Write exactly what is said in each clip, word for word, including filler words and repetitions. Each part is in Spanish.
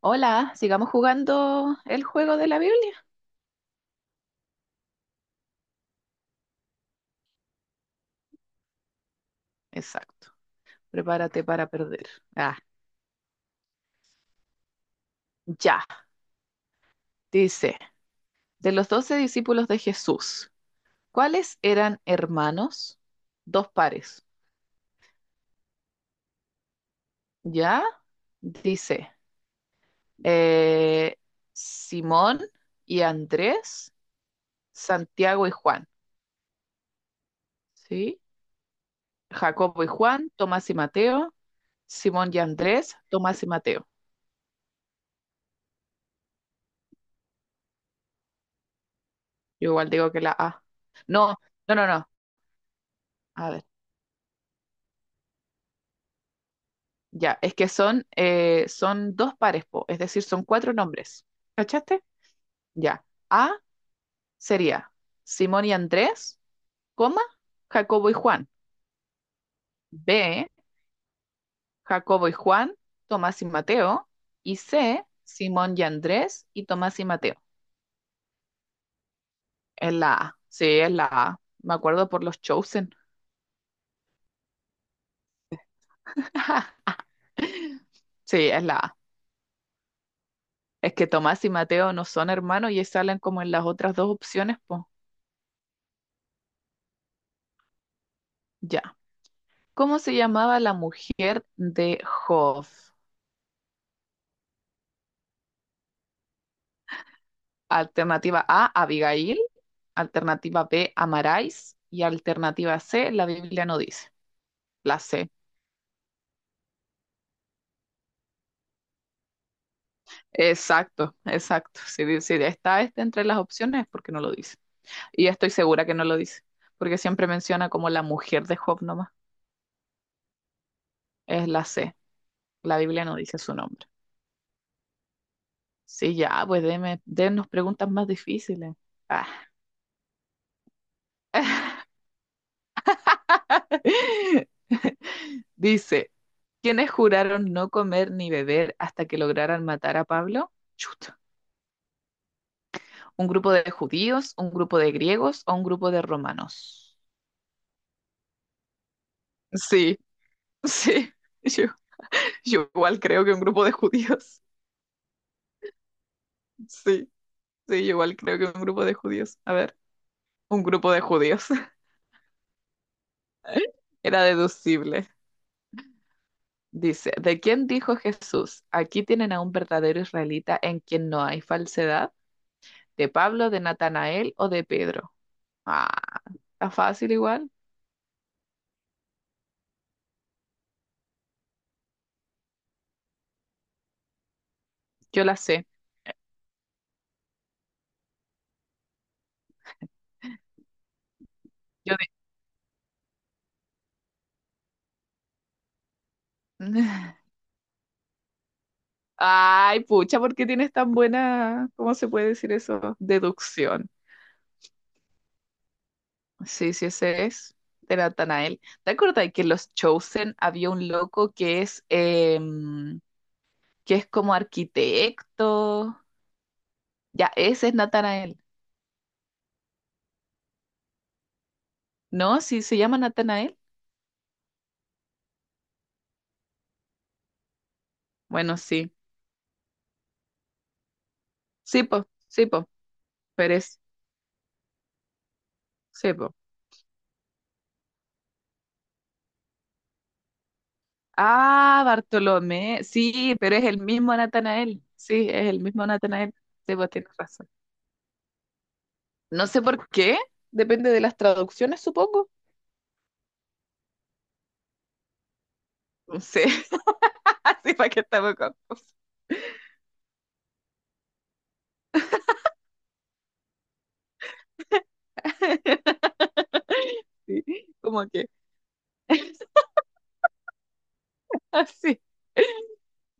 Hola, sigamos jugando el juego de la Biblia. Exacto. Prepárate para perder. Ah, ya. Dice, de los doce discípulos de Jesús, ¿cuáles eran hermanos? Dos pares. ¿Ya? Dice, eh, Simón y Andrés, Santiago y Juan. ¿Sí? Jacobo y Juan, Tomás y Mateo, Simón y Andrés, Tomás y Mateo. Yo igual digo que la A. No, no, no, no. A ver. Ya, es que son, eh, son dos pares, po, es decir, son cuatro nombres. ¿Cachaste? Ya. A sería Simón y Andrés, coma, Jacobo y Juan. B, Jacobo y Juan, Tomás y Mateo. Y C, Simón y Andrés y Tomás y Mateo. Es la A. Sí, es la A. Me acuerdo por los Chosen. Sí, es la A. Es que Tomás y Mateo no son hermanos y salen como en las otras dos opciones, pues. Ya. ¿Cómo se llamaba la mujer de Job? Alternativa A, Abigail. Alternativa B, Amarais. Y alternativa C, la Biblia no dice. La C. Exacto, exacto. Si, di- si está este entre las opciones es porque no lo dice. Y estoy segura que no lo dice, porque siempre menciona como la mujer de Job nomás. Es la C. La Biblia no dice su nombre. Sí, ya, pues deme, dennos preguntas más difíciles. Ah. Dice, ¿quiénes juraron no comer ni beber hasta que lograran matar a Pablo? Chut. ¿Un grupo de judíos, un grupo de griegos o un grupo de romanos? Sí, sí. Yo, yo igual creo que un grupo de judíos. Sí, sí, yo igual creo que un grupo de judíos. A ver, un grupo de judíos. Era deducible. Dice, ¿de quién dijo Jesús? Aquí tienen a un verdadero israelita en quien no hay falsedad. ¿De Pablo, de Natanael o de Pedro? Ah, está fácil igual. Yo la sé. Yo de- Ay, pucha, ¿por qué tienes tan buena, ¿cómo se puede decir eso? Deducción. Sí, sí, ese es. De Natanael. ¿Te acuerdas que en los Chosen había un loco que es, em, que es como arquitecto? Ya, ese es Natanael. ¿No? ¿Sí se llama Natanael? Bueno, sí. Sí, po, sí, po. Pero es, sí, po. Ah, Bartolomé, sí, pero es el mismo Natanael. Sí, es el mismo Natanael. Sí, vos tienes razón. No sé por qué, depende de las traducciones, supongo. No sé, así para que estamos confusos. Sí, como que así.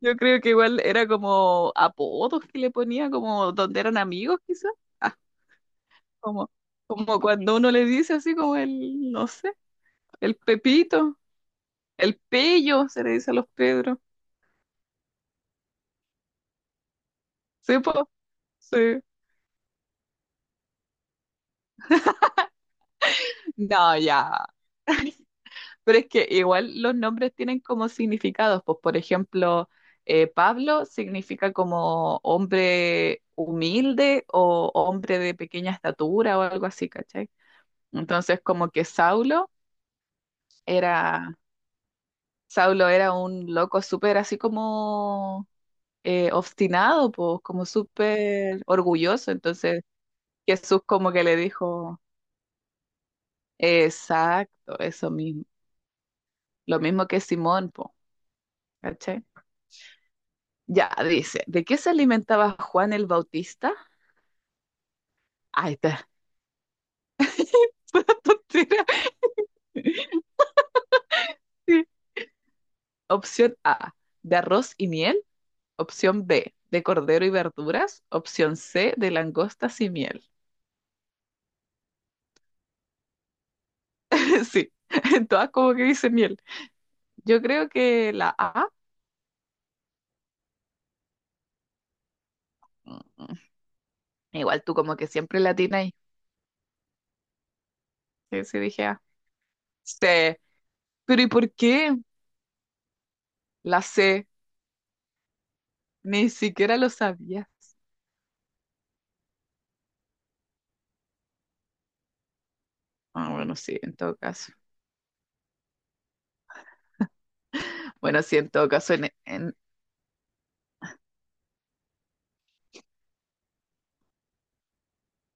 Yo creo que igual era como apodos que le ponía, como donde eran amigos, quizás. Ah, como, como cuando uno le dice así como el, no sé, el Pepito, el Pello, se le dice a los Pedros. Sí, po. Sí. No, ya. Pero es que igual los nombres tienen como significados. Pues, por ejemplo, eh, Pablo significa como hombre humilde o hombre de pequeña estatura o algo así, ¿cachai? Entonces, como que Saulo era, Saulo era un loco súper así como eh, obstinado, pues, como súper orgulloso. Entonces, Jesús como que le dijo, exacto, eso mismo. Lo mismo que Simón, pues. Ya, dice, ¿de qué se alimentaba Juan el Bautista? Ah, esta tontera. Sí. Opción A, de arroz y miel. Opción B, de cordero y verduras. Opción C, de langostas y miel. Sí, en todas como que dice miel. Yo creo que la A, mm, igual tú como que siempre la tienes ahí. Sí, sí, dije A. C, pero ¿y por qué? La C, ni siquiera lo sabías. Ah, bueno, sí, en todo caso. Bueno, sí, en todo caso, en, en...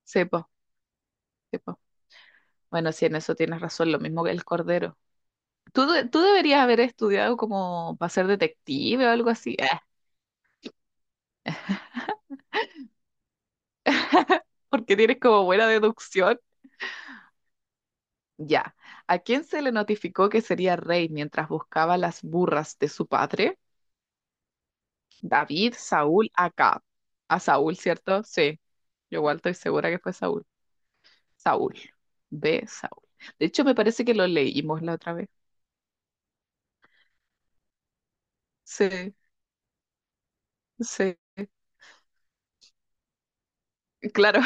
sepo. Bueno, sí, en eso tienes razón, lo mismo que el cordero. Tú, de- tú deberías haber estudiado como para ser detective o algo así, ah, porque tienes como buena deducción. Ya, ¿a quién se le notificó que sería rey mientras buscaba las burras de su padre? David, Saúl, Acab. A Saúl, ¿cierto? Sí, yo igual estoy segura que fue Saúl. Saúl, B, Saúl. De hecho, me parece que lo leímos la otra vez. Sí, sí, claro.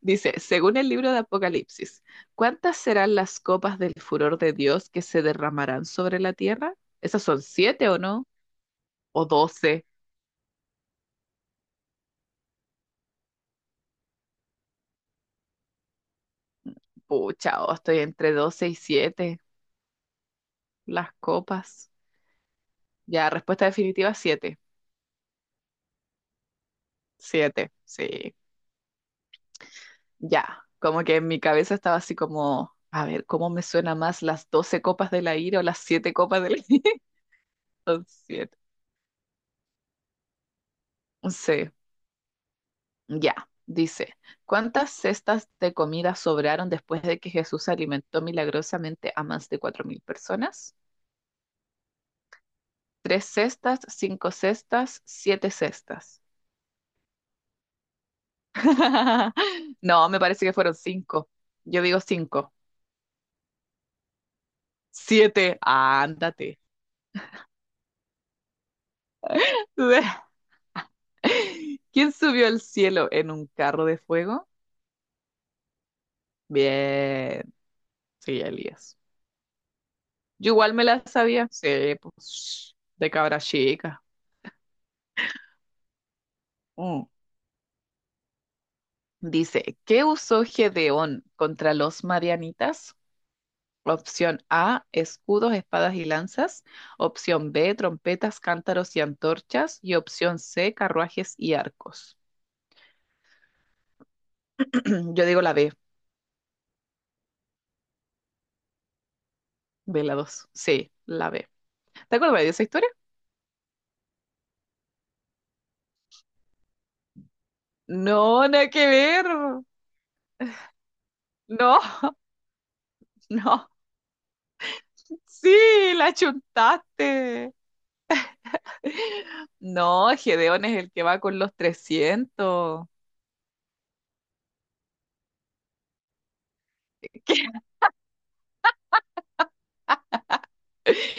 Dice, según el libro de Apocalipsis, ¿cuántas serán las copas del furor de Dios que se derramarán sobre la tierra? ¿Esas son siete o no? ¿O doce? Pucha, oh, estoy entre doce y siete. Las copas. Ya, respuesta definitiva, siete. Siete, sí. Ya, como que en mi cabeza estaba así como, a ver, ¿cómo me suena más las doce copas de la ira o las siete copas de la ira? Son siete. Sí. Ya, dice, ¿cuántas cestas de comida sobraron después de que Jesús alimentó milagrosamente a más de cuatro mil personas? Tres cestas, cinco cestas, siete cestas. No, me parece que fueron cinco. Yo digo cinco. Siete, ándate. ¿Quién subió al cielo en un carro de fuego? Bien, sí, Elías. Yo igual me la sabía. Sí, pues, de cabra chica. Mm. Dice, ¿qué usó Gedeón contra los marianitas? Opción A, escudos, espadas y lanzas. Opción B, trompetas, cántaros y antorchas. Y opción C, carruajes y arcos. Yo digo la B, B la dos. Sí, la B. ¿Te acuerdas de esa historia? No, nada que ver. No, no. Sí, la chuntaste. No, Gedeón es el que va con los trescientos.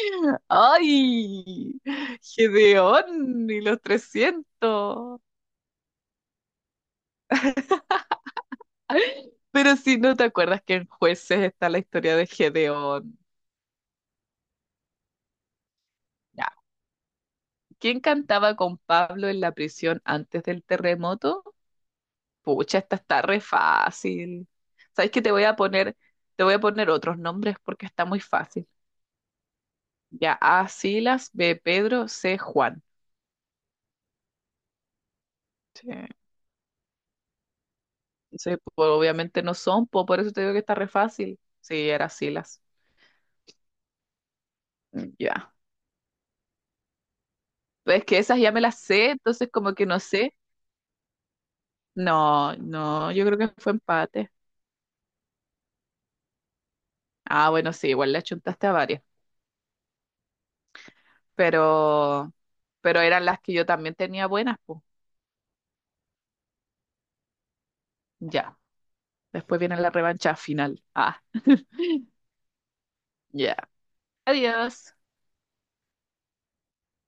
¡Ay! Gedeón y los trescientos. Pero si no te acuerdas que en Jueces está la historia de Gedeón. Ya. ¿Quién cantaba con Pablo en la prisión antes del terremoto? Pucha, esta está re fácil. ¿Sabes qué? Te voy a poner, te voy a poner otros nombres porque está muy fácil. Ya, A, Silas, B, Pedro, C, Juan. Sí. Sí, pues, obviamente no son, po, por eso te digo que está re fácil. Sí, era Silas. Mm, ya, pues. Es que esas ya me las sé, entonces como que no sé. No, no, yo creo que fue empate. Ah, bueno, sí, igual le achuntaste a varias, pero, pero eran las que yo también tenía buenas, pues. Ya. Después viene la revancha final. Ah, ya. Adiós.